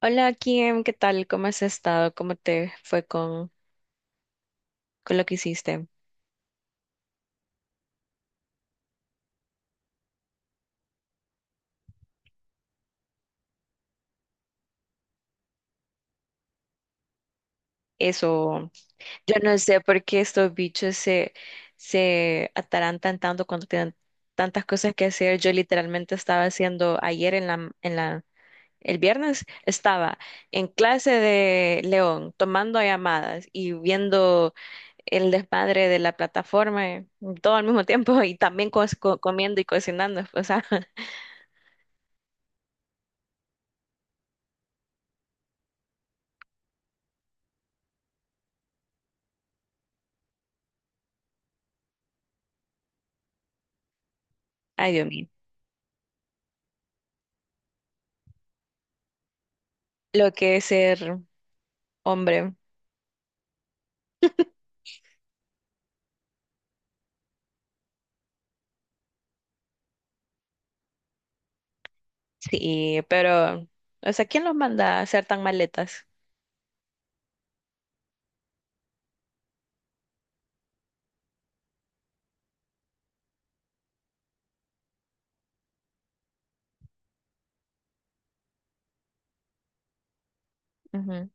Hola Kim, ¿qué tal? ¿Cómo has estado? ¿Cómo te fue con lo que hiciste? Eso, yo no sé por qué estos bichos se atarantan tanto cuando tienen tantas cosas que hacer. Yo literalmente estaba haciendo ayer el viernes, estaba en clase de León, tomando llamadas y viendo el desmadre de la plataforma, todo al mismo tiempo y también comiendo y cocinando. O sea, ay Dios mío, lo que es ser. Hombre, sí, pero, o sea, ¿quién los manda a hacer tan maletas? Ujú,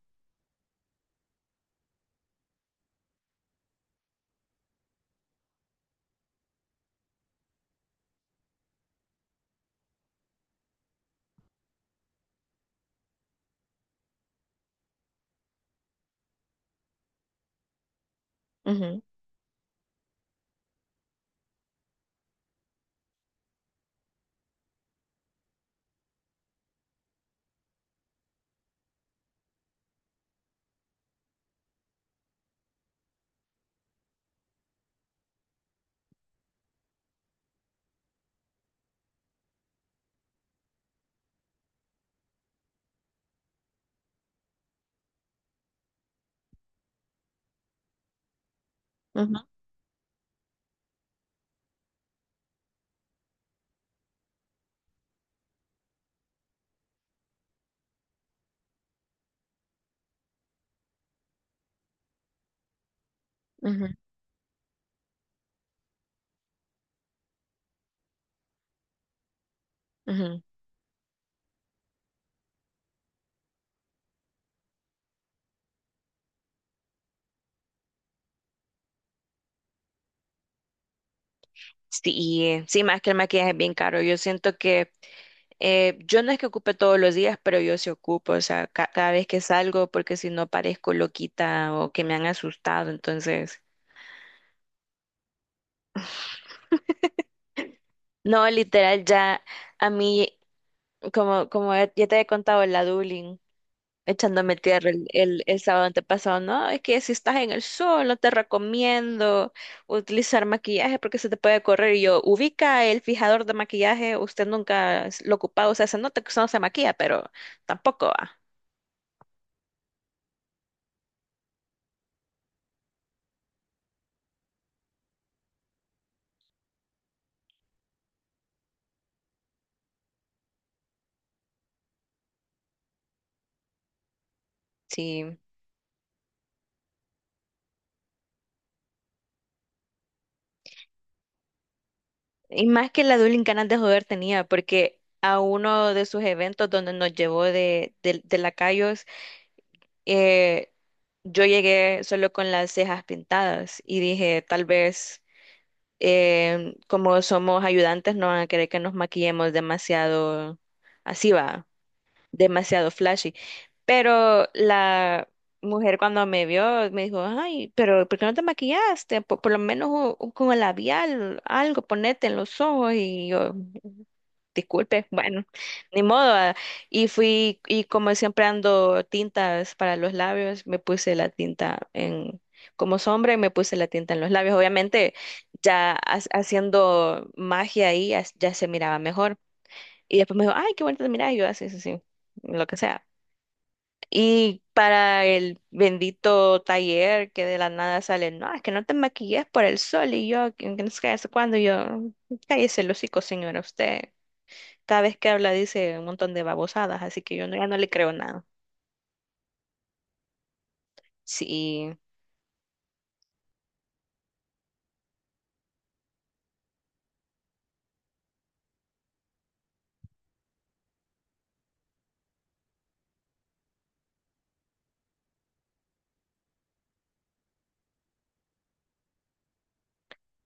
ujú, ujú, ujú, ujú. Sí, sí, más que el maquillaje es bien caro. Yo siento que yo no es que ocupe todos los días, pero yo sí ocupo, o sea, cada vez que salgo, porque si no parezco loquita o que me han asustado, entonces. No, literal, ya a mí, como ya te he contado, la dueling echándome tierra el sábado antepasado. No, es que si estás en el sol, no te recomiendo utilizar maquillaje porque se te puede correr. Y yo, ubica el fijador de maquillaje, usted nunca lo ha ocupado, o sea, se nota que usted no se maquilla, pero tampoco va. Sí. Y más que la Dueling ganas de joder tenía, porque a uno de sus eventos donde nos llevó de, de lacayos, eh, yo llegué solo con las cejas pintadas y dije, tal vez como somos ayudantes, no van a querer que nos maquillemos demasiado así va, demasiado flashy. Pero la mujer cuando me vio me dijo, ay, pero ¿por qué no te maquillaste? Por lo menos con el labial, algo, ponete en los ojos. Y yo, disculpe, bueno, ni modo. Ah. Y fui, y como siempre ando tintas para los labios, me puse la tinta en, como sombra y me puse la tinta en los labios. Obviamente, ya haciendo magia ahí, ya se miraba mejor. Y después me dijo, ay, qué bonito, mira, y yo así, sí, sí, lo que sea. Y para el bendito taller que de la nada sale, no, es que no te maquilles por el sol. Y yo, que no sé qué, hace cuándo, y yo, cállese el hocico, señora, usted. Cada vez que habla dice un montón de babosadas, así que yo ya no le creo nada. Sí.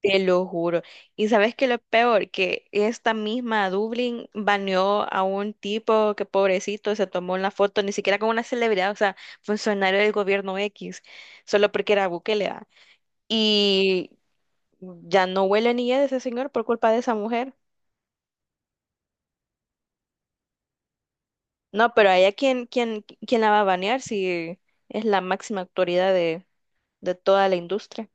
Te lo juro. Y sabes que lo peor, que esta misma Dublín baneó a un tipo que pobrecito se tomó una foto, ni siquiera con una celebridad, o sea, funcionario del gobierno X, solo porque era Bukele, ¿va? Y ya no huele ni de ese señor por culpa de esa mujer. No, pero a ella quién la va a banear si es la máxima autoridad de toda la industria.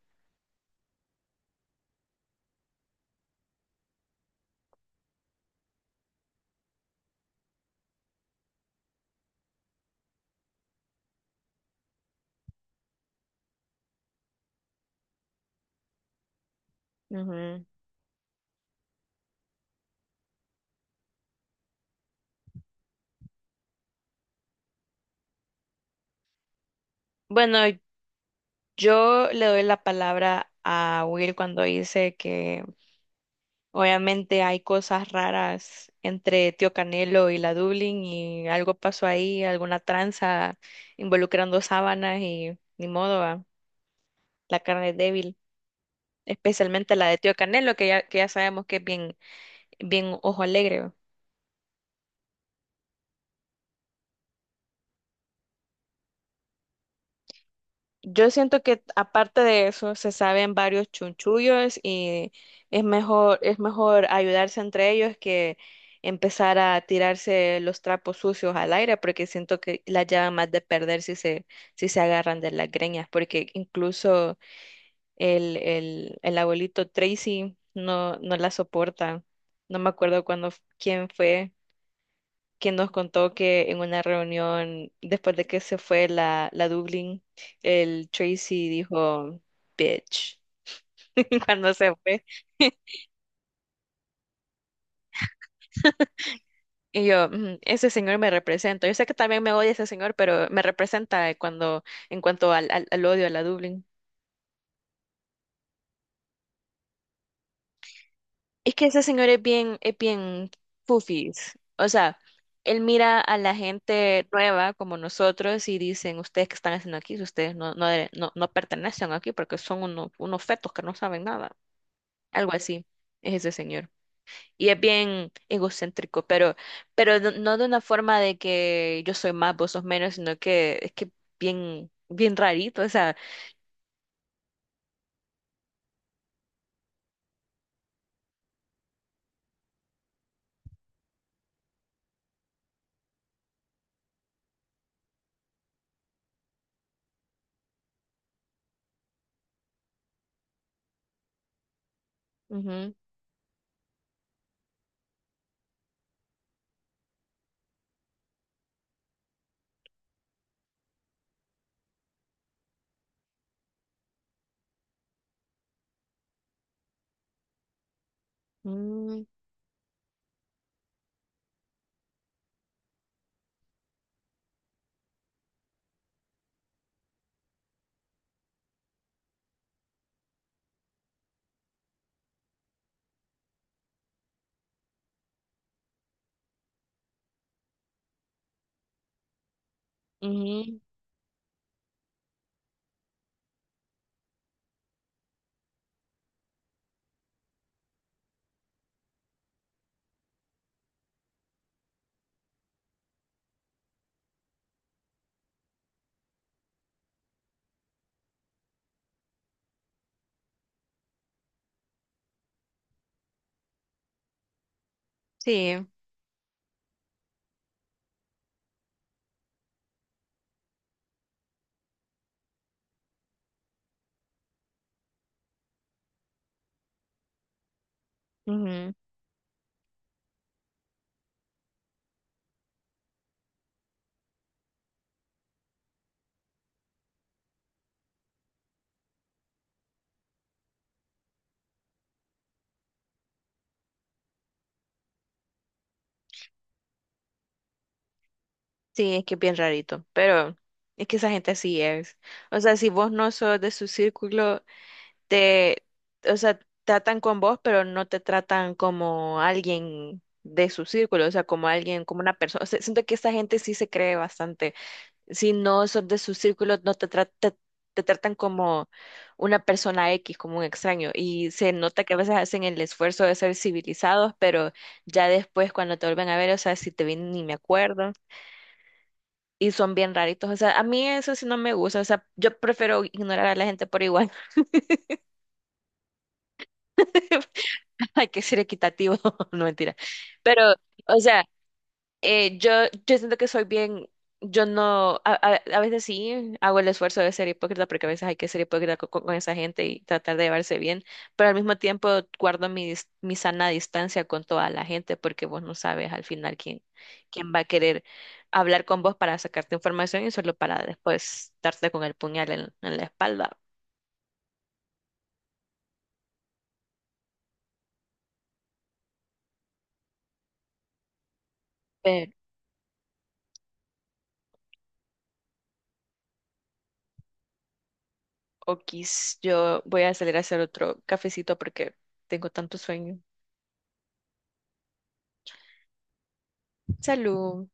Ujú. Bueno, yo le doy la palabra a Will cuando dice que obviamente hay cosas raras entre Tío Canelo y la Dublín y algo pasó ahí, alguna tranza involucrando sábanas y ni modo, va. La carne es débil, especialmente la de Tío Canelo, que ya sabemos que es bien, bien ojo alegre. Yo siento que aparte de eso se saben varios chunchullos y es mejor ayudarse entre ellos que empezar a tirarse los trapos sucios al aire, porque siento que la llevan más de perder si se agarran de las greñas, porque incluso el abuelito Tracy no la soporta. No me acuerdo cuándo, quién fue que nos contó que en una reunión, después de que se fue la Dublin, el Tracy dijo, bitch, cuando se fue. Y yo, "Mm, ese señor me representa. Yo sé que también me odia ese señor, pero me representa cuando, en cuanto al odio a la Dublin." Es que ese señor es bien fufis. O sea, él mira a la gente nueva como nosotros y dicen, ustedes qué están haciendo aquí, ustedes no pertenecen aquí porque son unos, unos fetos que no saben nada. Algo así es ese señor. Y es bien egocéntrico, pero no de una forma de que yo soy más, vos sos menos, sino que es que bien, bien rarito, o sea. Ujú, mm, ujú, sí, ujú, sí, es que es bien rarito, pero es que esa gente así es. O sea, si vos no sos de su círculo, te, o sea, tratan con vos, pero no te tratan como alguien de su círculo, o sea, como alguien, como una persona. O sea, siento que esa gente sí se cree bastante. Si no sos de su círculo, no te tratan como una persona X, como un extraño. Y se nota que a veces hacen el esfuerzo de ser civilizados, pero ya después cuando te vuelven a ver, o sea, si te ven ni me acuerdo. Y son bien raritos. O sea, a mí eso sí no me gusta. O sea, yo prefiero ignorar a la gente por igual. Hay que ser equitativo, no mentira. Pero, o sea, yo, yo siento que soy bien, yo no, a veces sí hago el esfuerzo de ser hipócrita porque a veces hay que ser hipócrita con, esa gente y tratar de llevarse bien, pero al mismo tiempo guardo mi, mi sana distancia con toda la gente porque vos no sabes al final quién, quién va a querer hablar con vos para sacarte información y solo para después darte con el puñal en la espalda. Pero, okis, yo voy a salir a hacer otro cafecito porque tengo tanto sueño. Salud.